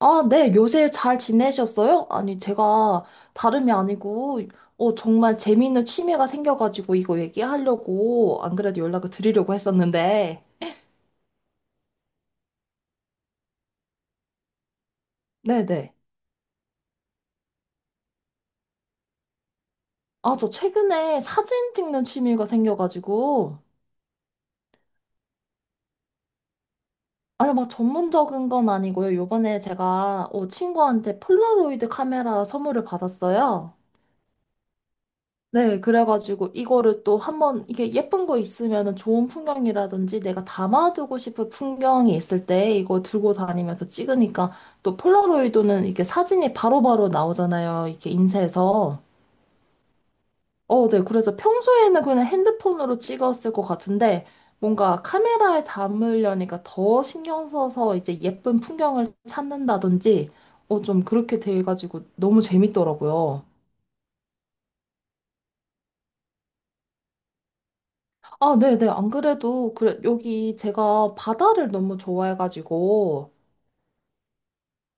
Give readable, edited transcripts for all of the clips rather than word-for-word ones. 아, 네, 요새 잘 지내셨어요? 아니, 제가 다름이 아니고, 정말 재미있는 취미가 생겨가지고 이거 얘기하려고 안 그래도 연락을 드리려고 했었는데, 네네. 아, 저 최근에 사진 찍는 취미가 생겨가지고, 아니, 막 전문적인 건 아니고요. 요번에 제가, 친구한테 폴라로이드 카메라 선물을 받았어요. 네, 그래가지고 이거를 또 한번 이게 예쁜 거 있으면은 좋은 풍경이라든지 내가 담아두고 싶은 풍경이 있을 때 이거 들고 다니면서 찍으니까 또 폴라로이드는 이게 사진이 바로바로 나오잖아요. 이렇게 인쇄해서. 어, 네. 그래서 평소에는 그냥 핸드폰으로 찍었을 것 같은데 뭔가 카메라에 담으려니까 더 신경 써서 이제 예쁜 풍경을 찾는다든지 좀 그렇게 돼가지고 너무 재밌더라고요. 아, 네네. 안 그래도, 그래, 여기 제가 바다를 너무 좋아해가지고,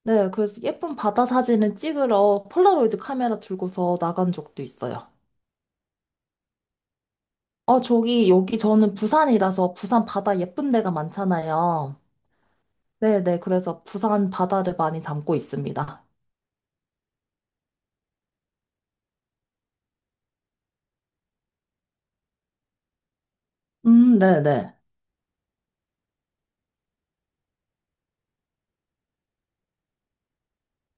네, 그래서 예쁜 바다 사진을 찍으러 폴라로이드 카메라 들고서 나간 적도 있어요. 어, 저기, 여기 저는 부산이라서 부산 바다 예쁜 데가 많잖아요. 네네. 그래서 부산 바다를 많이 담고 있습니다. 네네.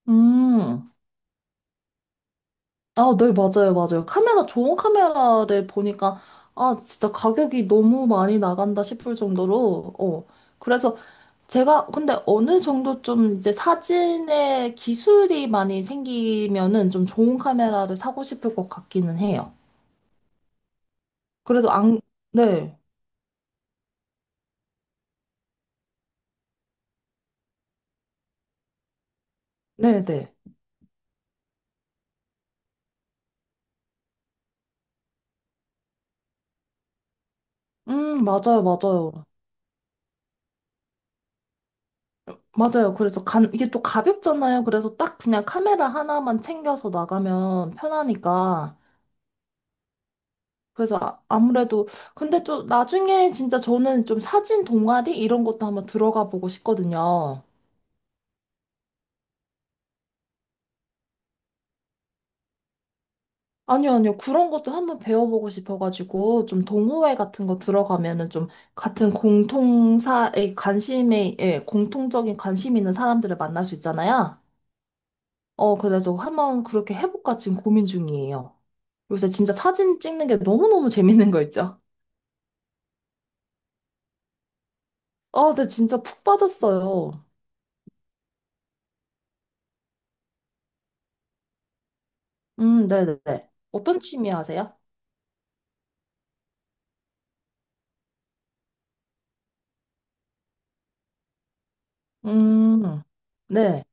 음, 아, 네, 맞아요, 맞아요. 카메라, 좋은 카메라를 보니까, 아, 진짜 가격이 너무 많이 나간다 싶을 정도로, 어. 그래서 제가 근데 어느 정도 좀 이제 사진에 기술이 많이 생기면은 좀 좋은 카메라를 사고 싶을 것 같기는 해요. 그래도 안, 네, 네, 네. 맞아요, 맞아요. 맞아요. 그래서 간, 이게 또 가볍잖아요. 그래서 딱 그냥 카메라 하나만 챙겨서 나가면 편하니까. 그래서 아무래도, 근데 좀 나중에 진짜 저는 좀 사진 동아리 이런 것도 한번 들어가 보고 싶거든요. 아니요, 아니요. 그런 것도 한번 배워보고 싶어가지고, 좀 동호회 같은 거 들어가면은 좀 같은 공통사에 관심에, 예, 공통적인 관심 있는 사람들을 만날 수 있잖아요. 그래서 한번 그렇게 해볼까 지금 고민 중이에요. 요새 진짜 사진 찍는 게 너무너무 재밌는 거 있죠? 아, 네, 진짜 푹 빠졌어요. 네네네. 어떤 취미 하세요? 음, 네.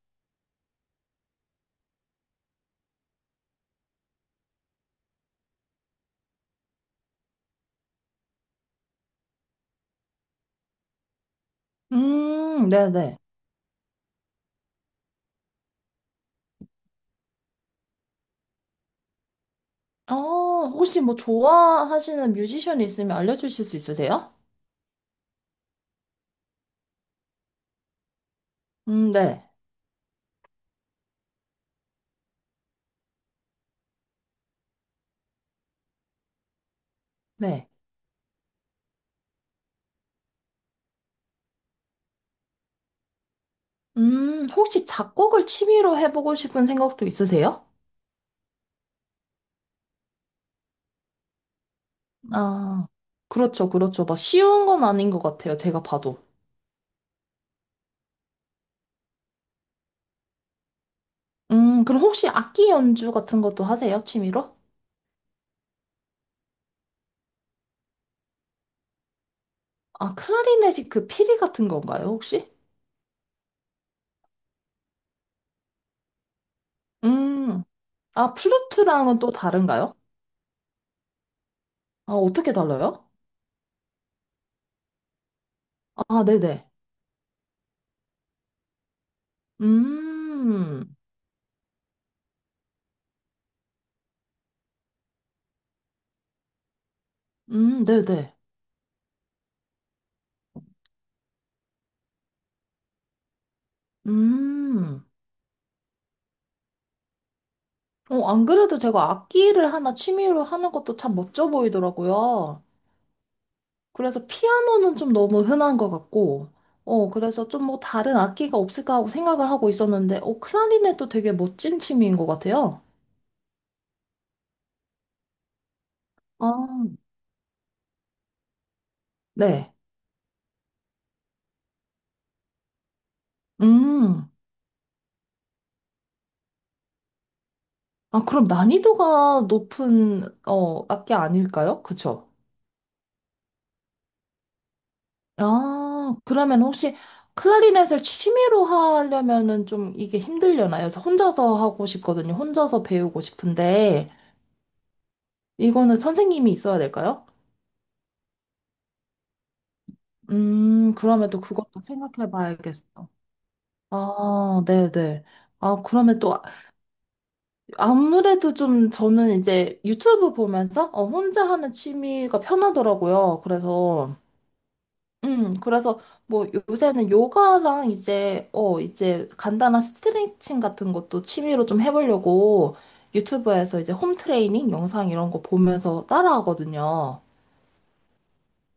네네. 어, 혹시 뭐 좋아하시는 뮤지션이 있으면 알려주실 수 있으세요? 네, 네. 혹시 작곡을 취미로 해보고 싶은 생각도 있으세요? 아, 그렇죠, 그렇죠. 막 쉬운 건 아닌 것 같아요, 제가 봐도. 그럼 혹시 악기 연주 같은 것도 하세요, 취미로? 아, 클라리넷이 그 피리 같은 건가요, 혹시? 음, 아, 플루트랑은 또 다른가요? 아, 어떻게 달라요? 아, 네네. 음, 네네. 음. 안 그래도 제가 악기를 하나 취미로 하는 것도 참 멋져 보이더라고요. 그래서 피아노는 좀 너무 흔한 것 같고, 그래서 좀 뭐 다른 악기가 없을까 하고 생각을 하고 있었는데, 클라리넷도 되게 멋진 취미인 것 같아요. 아, 네. 음. 아, 그럼 난이도가 높은, 악기 아닐까요? 그쵸? 아, 그러면 혹시 클라리넷을 취미로 하려면은 좀 이게 힘들려나요? 그래서 혼자서 하고 싶거든요. 혼자서 배우고 싶은데, 이거는 선생님이 있어야 될까요? 그러면 또 그것도 생각해 봐야겠어. 아, 네네. 아, 그러면 또 아무래도 좀 저는 이제 유튜브 보면서 혼자 하는 취미가 편하더라고요. 그래서, 그래서 뭐 요새는 요가랑 이제, 이제 간단한 스트레칭 같은 것도 취미로 좀 해보려고 유튜브에서 이제 홈 트레이닝 영상 이런 거 보면서 따라하거든요.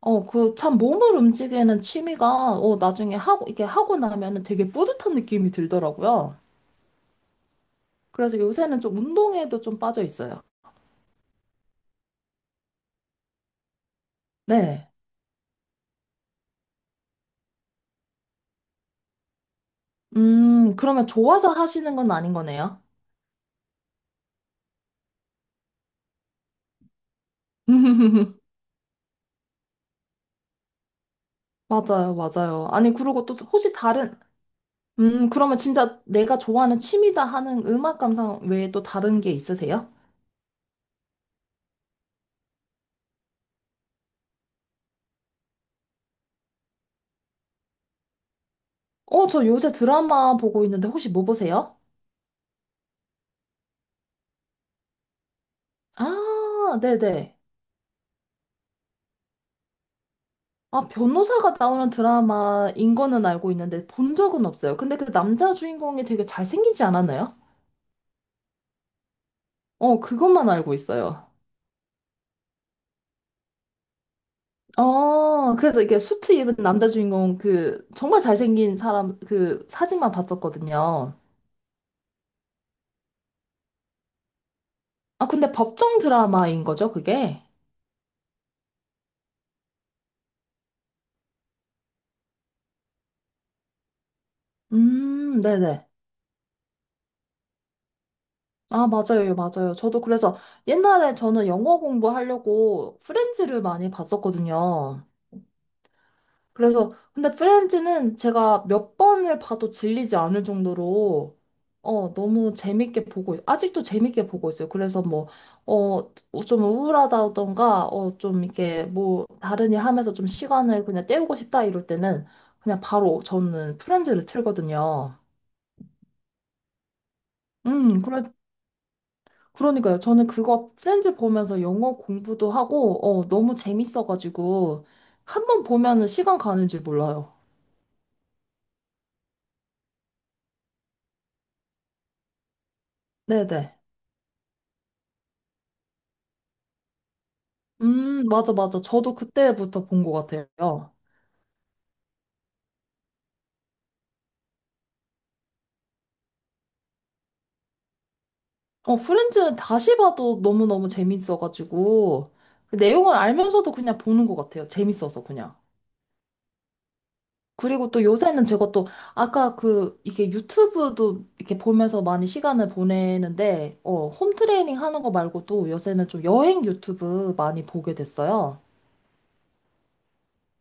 그 참 몸을 움직이는 취미가 나중에 하고, 이게 하고 나면은 되게 뿌듯한 느낌이 들더라고요. 그래서 요새는 좀 운동에도 좀 빠져 있어요. 네. 그러면 좋아서 하시는 건 아닌 거네요. 맞아요, 맞아요. 아니, 그리고 또 혹시 다른, 그러면 진짜 내가 좋아하는 취미다 하는 음악 감상 외에 또 다른 게 있으세요? 저 요새 드라마 보고 있는데 혹시 뭐 보세요? 아, 네네. 아, 변호사가 나오는 드라마인 거는 알고 있는데 본 적은 없어요. 근데 그 남자 주인공이 되게 잘생기지 않았나요? 어, 그것만 알고 있어요. 어, 그래서 이게 렇 수트 입은 남자 주인공 그 정말 잘생긴 사람 그 사진만 봤었거든요. 아, 근데 법정 드라마인 거죠, 그게? 네네. 아, 맞아요, 맞아요. 저도 그래서 옛날에 저는 영어 공부하려고 프렌즈를 많이 봤었거든요. 그래서 근데 프렌즈는 제가 몇 번을 봐도 질리지 않을 정도로 너무 재밌게 아직도 재밌게 보고 있어요. 그래서 뭐어좀 우울하다던가 좀 이렇게 뭐 다른 일 하면서 좀 시간을 그냥 때우고 싶다 이럴 때는 그냥 바로 저는 프렌즈를 틀거든요. 그래, 그러니까요. 저는 그거 프렌즈 보면서 영어 공부도 하고 너무 재밌어가지고 한 번 보면은 시간 가는 줄 몰라요. 네네. 맞아, 맞아. 저도 그때부터 본 것 같아요. 어, 프렌즈는 다시 봐도 너무너무 재밌어가지고, 그 내용을 알면서도 그냥 보는 것 같아요. 재밌어서 그냥. 그리고 또 요새는 제가 또, 아까 그, 이게 유튜브도 이렇게 보면서 많이 시간을 보내는데, 홈트레이닝 하는 거 말고도 요새는 좀 여행 유튜브 많이 보게 됐어요.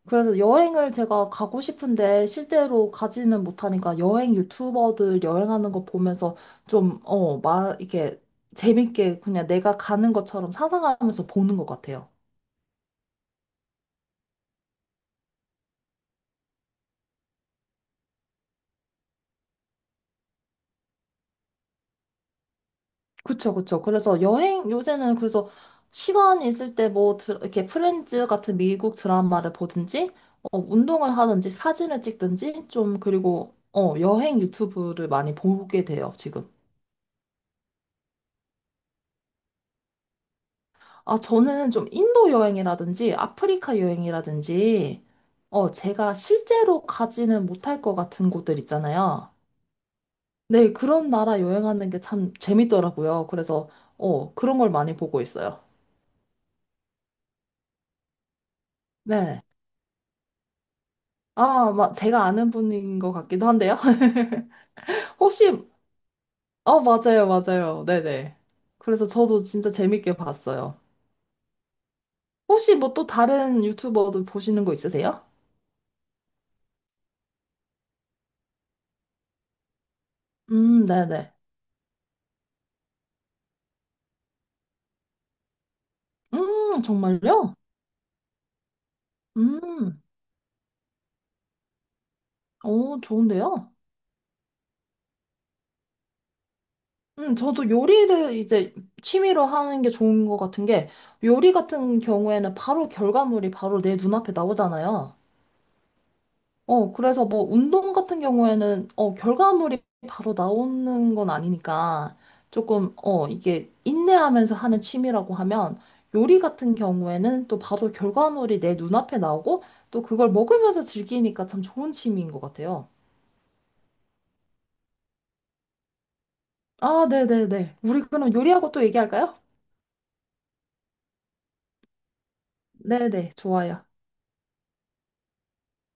그래서 여행을 제가 가고 싶은데 실제로 가지는 못하니까 여행 유튜버들 여행하는 거 보면서 좀, 막 이게 재밌게 그냥 내가 가는 것처럼 상상하면서 보는 것 같아요. 그쵸, 그쵸. 그래서 여행, 요새는 그래서 시간이 있을 때 뭐, 이렇게 프렌즈 같은 미국 드라마를 보든지, 운동을 하든지, 사진을 찍든지, 좀, 그리고, 여행 유튜브를 많이 보게 돼요, 지금. 아, 저는 좀 인도 여행이라든지 아프리카 여행이라든지, 제가 실제로 가지는 못할 것 같은 곳들 있잖아요. 네, 그런 나라 여행하는 게 참 재밌더라고요. 그래서, 그런 걸 많이 보고 있어요. 네. 아, 막 제가 아는 분인 것 같기도 한데요. 혹시, 맞아요, 맞아요. 네네. 그래서 저도 진짜 재밌게 봤어요. 혹시 뭐 또 다른 유튜버도 보시는 거 있으세요? 네네. 정말요? 음. 오, 좋은데요? 저도 요리를 이제 취미로 하는 게 좋은 것 같은 게, 요리 같은 경우에는 바로 결과물이 바로 내 눈앞에 나오잖아요. 그래서 뭐 운동 같은 경우에는, 결과물이 바로 나오는 건 아니니까, 조금, 이게 인내하면서 하는 취미라고 하면, 요리 같은 경우에는 또 바로 결과물이 내 눈앞에 나오고, 또 그걸 먹으면서 즐기니까 참 좋은 취미인 것 같아요. 아, 네네네. 우리 그럼 요리하고 또 얘기할까요? 네네, 좋아요.